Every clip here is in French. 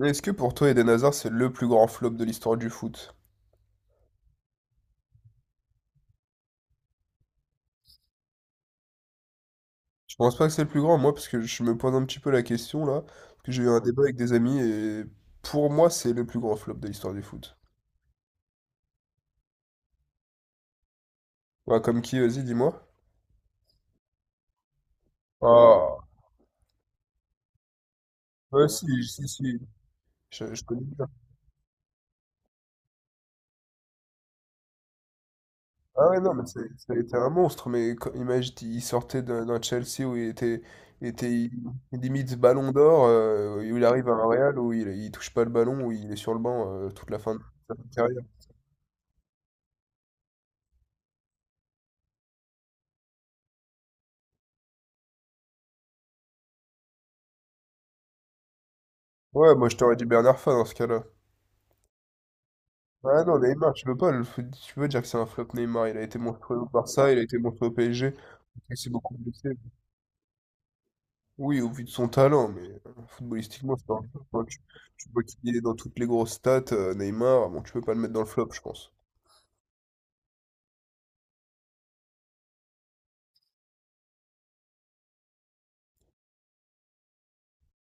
Mais est-ce que pour toi, Eden Hazard, c'est le plus grand flop de l'histoire du foot? Je pense pas que c'est le plus grand, moi, parce que je me pose un petit peu la question là, parce que j'ai eu un débat avec des amis et pour moi, c'est le plus grand flop de l'histoire du foot. Ouais, comme qui, vas-y, dis-moi. Ah, ouais, si, si, si, je connais bien. Ah ouais, non, mais ça a été un monstre, mais imagine, il sortait d'un Chelsea où il était limite ballon d'or, où il arrive à un Real où il touche pas le ballon, où il est sur le banc toute la fin de sa carrière. Ouais, moi je t'aurais dit Bernard Fan dans ce cas-là. Ah non, Neymar, tu peux pas le... tu peux dire que c'est un flop Neymar. Il a été montré au Barça, il a été montré au PSG, il s'est beaucoup blessé. Oui, au vu de son talent, mais footballistiquement, c'est pas un flop, hein. Tu vois qu'il est dans toutes les grosses stats, Neymar, bon, tu peux pas le mettre dans le flop, je pense.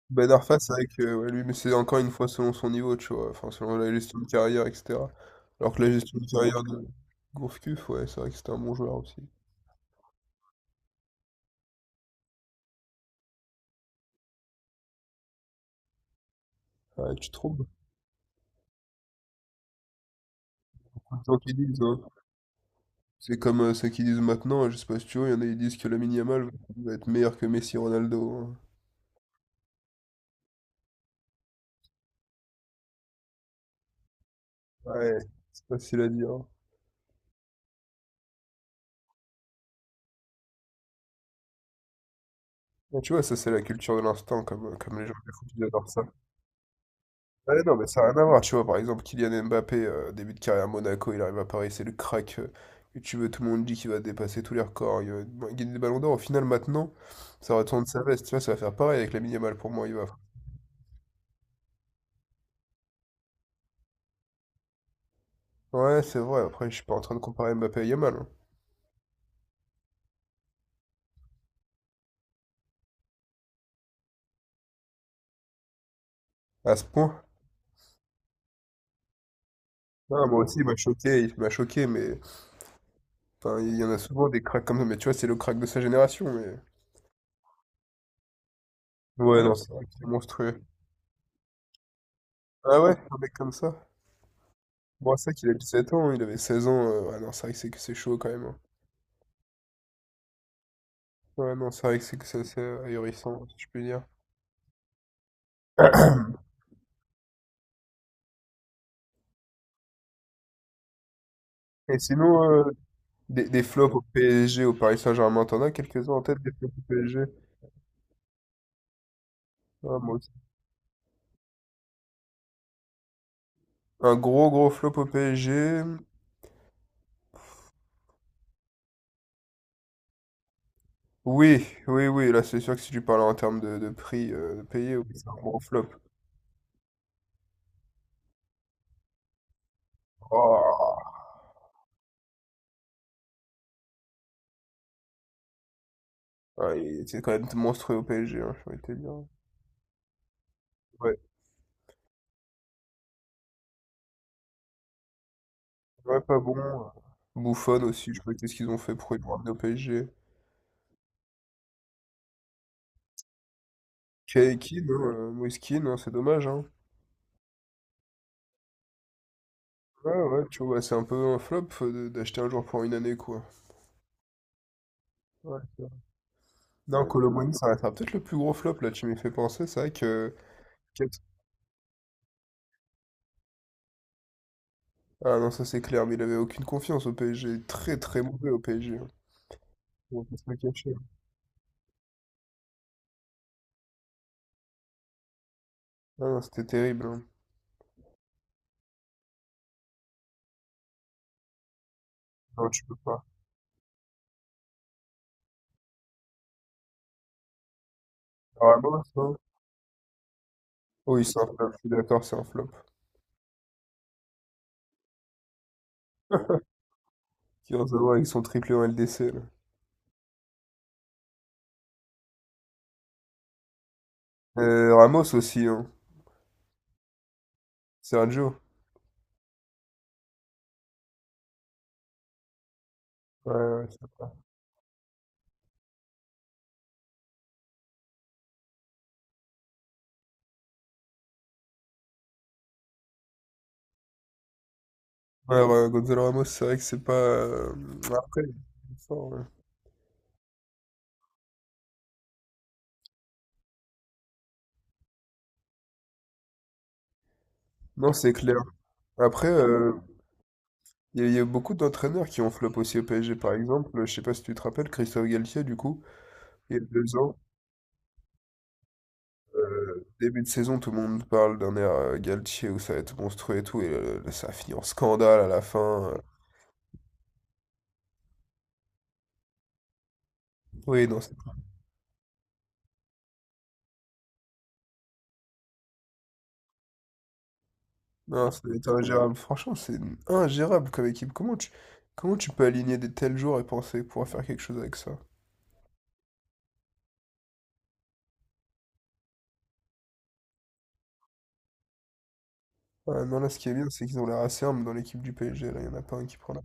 Ben Arfa, c'est vrai que ouais, lui, mais c'est encore une fois selon son niveau, tu vois, enfin, selon la gestion de carrière, etc. Alors que la gestion de carrière de Gourcuff, ouais, c'est vrai que c'était un bon joueur aussi. Ouais, tu te trompes. Tant qu'ils disent, hein. C'est comme ceux qui disent maintenant, je sais pas si tu vois, il y en a qui disent que Lamine Yamal va être meilleur que Messi Ronaldo, hein. Ouais, c'est facile à dire, hein. Mais tu vois, ça c'est la culture de l'instant, comme, comme les gens du foot, ils adorent ça. Ouais, non, mais ça n'a rien à voir, tu vois, par exemple, Kylian Mbappé, début de carrière à Monaco, il arrive à Paris, c'est le crack que tu veux, tout le monde dit qu'il va dépasser tous les records, il va bon, gagner des ballons d'or, au final maintenant, ça retourne sa veste, tu vois, ça va faire pareil avec Lamine Yamal pour moi, il va. Ouais, c'est vrai, après je suis pas en train de comparer Mbappé à Yamal, hein. À ce point. Ah, moi aussi, il m'a choqué, mais enfin, il y en a souvent des cracks comme ça, mais tu vois, c'est le crack de sa génération, mais... Ouais, non, ouais, c'est vrai que c'est monstrueux. Ah ouais, un mec comme ça. Bon, c'est vrai qu'il a 17 ans, hein, il avait 16 ans. Ouais, non, c'est vrai que c'est chaud quand même, hein. Ouais, non, c'est vrai que c'est assez ahurissant, si je puis dire. Et sinon, des flops au PSG, au Paris Saint-Germain, t'en as quelques-uns en tête des flops au PSG? Ah, moi aussi. Un gros gros flop au PSG. Oui, oui, oui, là c'est sûr que si tu parles en termes de prix de payé, oui, c'est un gros flop. Oh. Ouais, c'est quand même monstrueux au PSG, hein, ça aurait été bien. Ouais, ouais, pas bon. Bouffon aussi, je sais pas qu'est-ce qu'ils ont fait pour le ramener au PSG. Keiki, non, Moïskine, non, c'est dommage, hein. Ouais, ouais, tu vois, c'est un peu un flop d'acheter un joueur pour une année, quoi. Ouais, c'est vrai. Non, Kolo Muani, ça restera peut-être le plus gros flop, là, tu m'y fais penser, c'est vrai que... Quatre. Ah non, ça c'est clair, mais il avait aucune confiance au PSG, très très mauvais au PSG, hein. On va pas se le cacher, hein. Ah non, c'était terrible, hein. Non, tu peux pas. Vraiment, ça. Oui, c'est un flop, je suis d'accord, c'est un flop. Qui vont savoir avec son triplé en LDC, là. Ramos aussi, hein. Sergio. Ouais, ouais, c'est ça. Ouais, ouais, Gonzalo Ramos, c'est vrai que c'est pas. Après, il est fort, ouais. Non, c'est clair. Après, il y a beaucoup d'entraîneurs qui ont flop aussi au PSG, par exemple. Je sais pas si tu te rappelles, Christophe Galtier, du coup, il y a 2 ans, début de saison, tout le monde parle d'un air Galtier où ça va être monstrueux et tout, et ça a fini en scandale à la fin. Oui, non, non, ça doit être ingérable. Franchement, c'est ingérable comme équipe. Comment tu peux aligner des tels joueurs et penser pouvoir faire quelque chose avec ça? Ah, non, là, ce qui est bien, c'est qu'ils ont l'air assez humbles dans l'équipe du PSG. Là, il n'y en a pas un qui prend la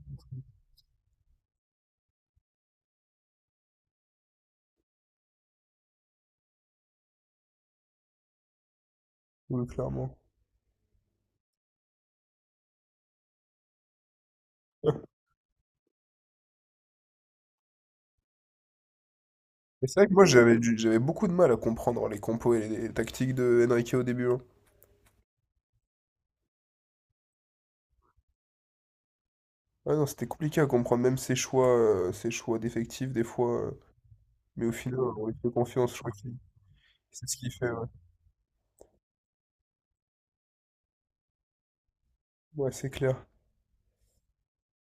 boule, clairement. Mais c'est vrai que moi, j'avais beaucoup de mal à comprendre les compos et les tactiques de Enrique au début, hein. Ah non, c'était compliqué à comprendre, même ses choix d'effectifs, des fois. Mais au final, on lui fait confiance, je crois que c'est ce qu'il fait. Ouais, ouais, c'est clair.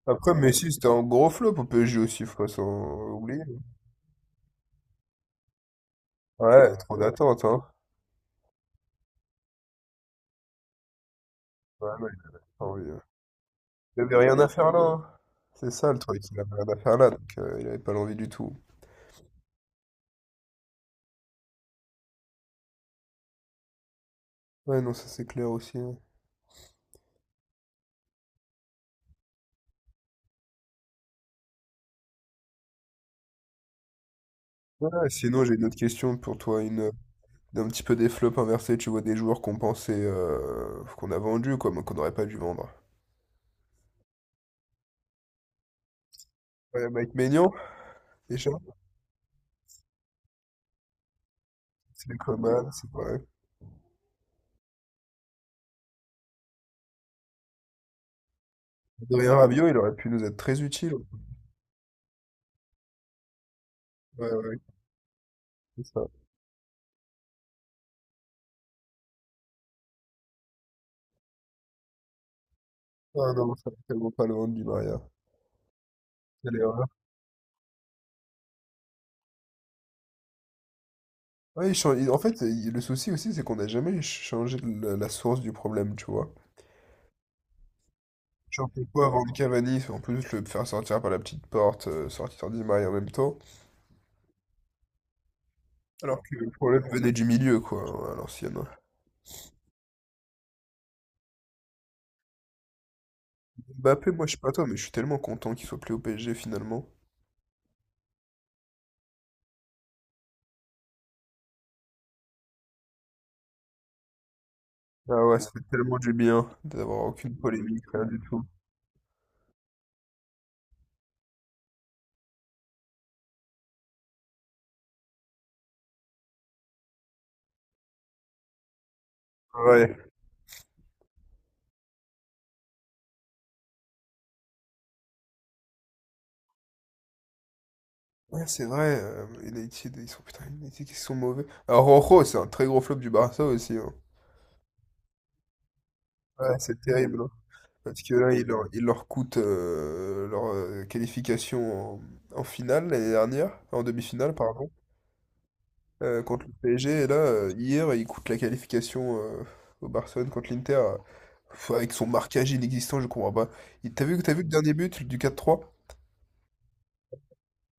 Après, Messi, c'était un gros flop au PSG aussi, faut pas s'en oublier. Ouais, trop d'attente, hein. Ouais, non, il avait pas envie, ouais. Il avait rien à faire là, hein. C'est ça le truc, il avait rien à faire là, donc il avait pas l'envie du tout. Ouais, non, ça c'est clair aussi, hein. Ouais, sinon j'ai une autre question pour toi, une d'un petit peu des flops inversés, tu vois, des joueurs qu'on pensait qu'on a vendus, quoi, mais qu'on n'aurait pas dû vendre. Ouais, Mike Maignan, déjà, c'est les Coman, c'est vrai. Adrien Rabiot, il aurait pu nous être très utile. Ouais, ouais, c'est ça. Ah non, ça ne vaut pas le vendre du Maria. Quelle erreur. Ouais, en fait, le souci aussi, c'est qu'on n'a jamais changé la source du problème, tu vois. Genre, pourquoi vendre Cavani, en plus le faire sortir par la petite porte, sortir d'Imaï en même temps, alors que le problème venait du milieu, quoi, hein, à l'ancienne. Mbappé, moi, je sais pas toi, mais je suis tellement content qu'il soit plus au PSG, finalement. Ah ouais, ça fait tellement du bien d'avoir aucune polémique, rien du tout. Ouais. Ouais, c'est vrai, United, ils sont, putain, United, ils sont mauvais. Alors, Rojo, c'est un très gros flop du Barça aussi, hein. Ouais, c'est terrible. Parce que là, il leur coûte leur qualification en, en finale l'année dernière, en demi-finale, pardon, contre le PSG. Et là, hier, il coûte la qualification au Barcelone contre l'Inter. Pff, avec son marquage inexistant, je comprends pas. T'as vu le dernier but du 4-3?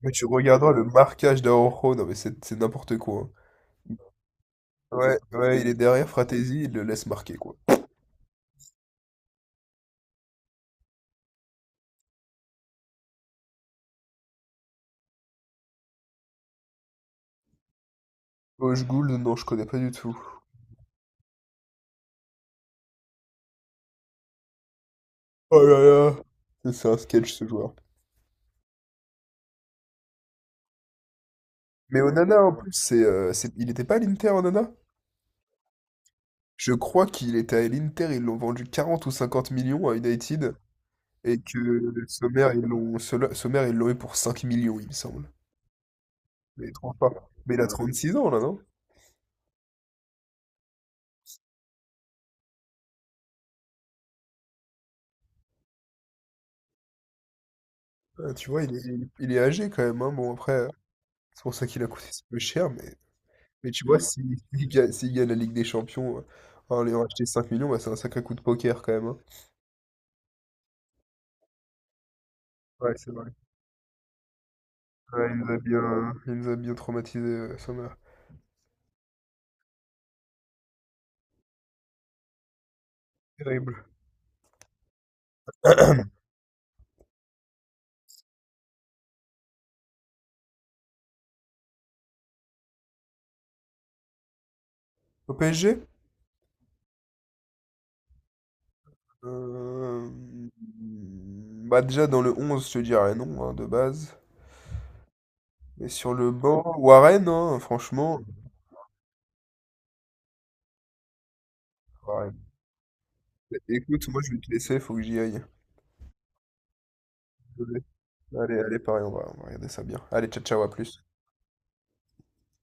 Mais tu regarderas le marquage d'Araujo, non mais c'est n'importe quoi, hein. Ouais, ouais, il est derrière Fratesi, il le laisse marquer, quoi. Hoche Gould, non, je connais pas du tout. Oh là là, c'est un sketch ce joueur. Mais Onana, en plus, il n'était pas à l'Inter, Onana? Je crois qu'il était à l'Inter, ils l'ont vendu 40 ou 50 millions à United, et que Sommer, Sommer, ils l'ont eu pour 5 millions, il me semble. Mais, trop pas. Mais il a 36 ans, là, non? Tu vois, il est âgé quand même, hein. Bon, après, c'est pour ça qu'il a coûté si peu cher, mais tu vois, s'il gagne la Ligue des Champions en l'ayant acheté 5 millions, bah, c'est un sacré coup de poker quand même, hein. Ouais, c'est vrai. Ouais, il nous a bien, il nous a bien traumatisé, Sommer. Terrible. Au PSG? Euh, hmm, Bah déjà dans le 11 je te dirais non, hein, de base. Mais sur le banc, Warren, hein, franchement. Warren. Écoute, moi je vais te laisser, faut que j'y aille. Désolé. Allez, allez, pareil, on va regarder ça bien. Allez, ciao, ciao, à plus.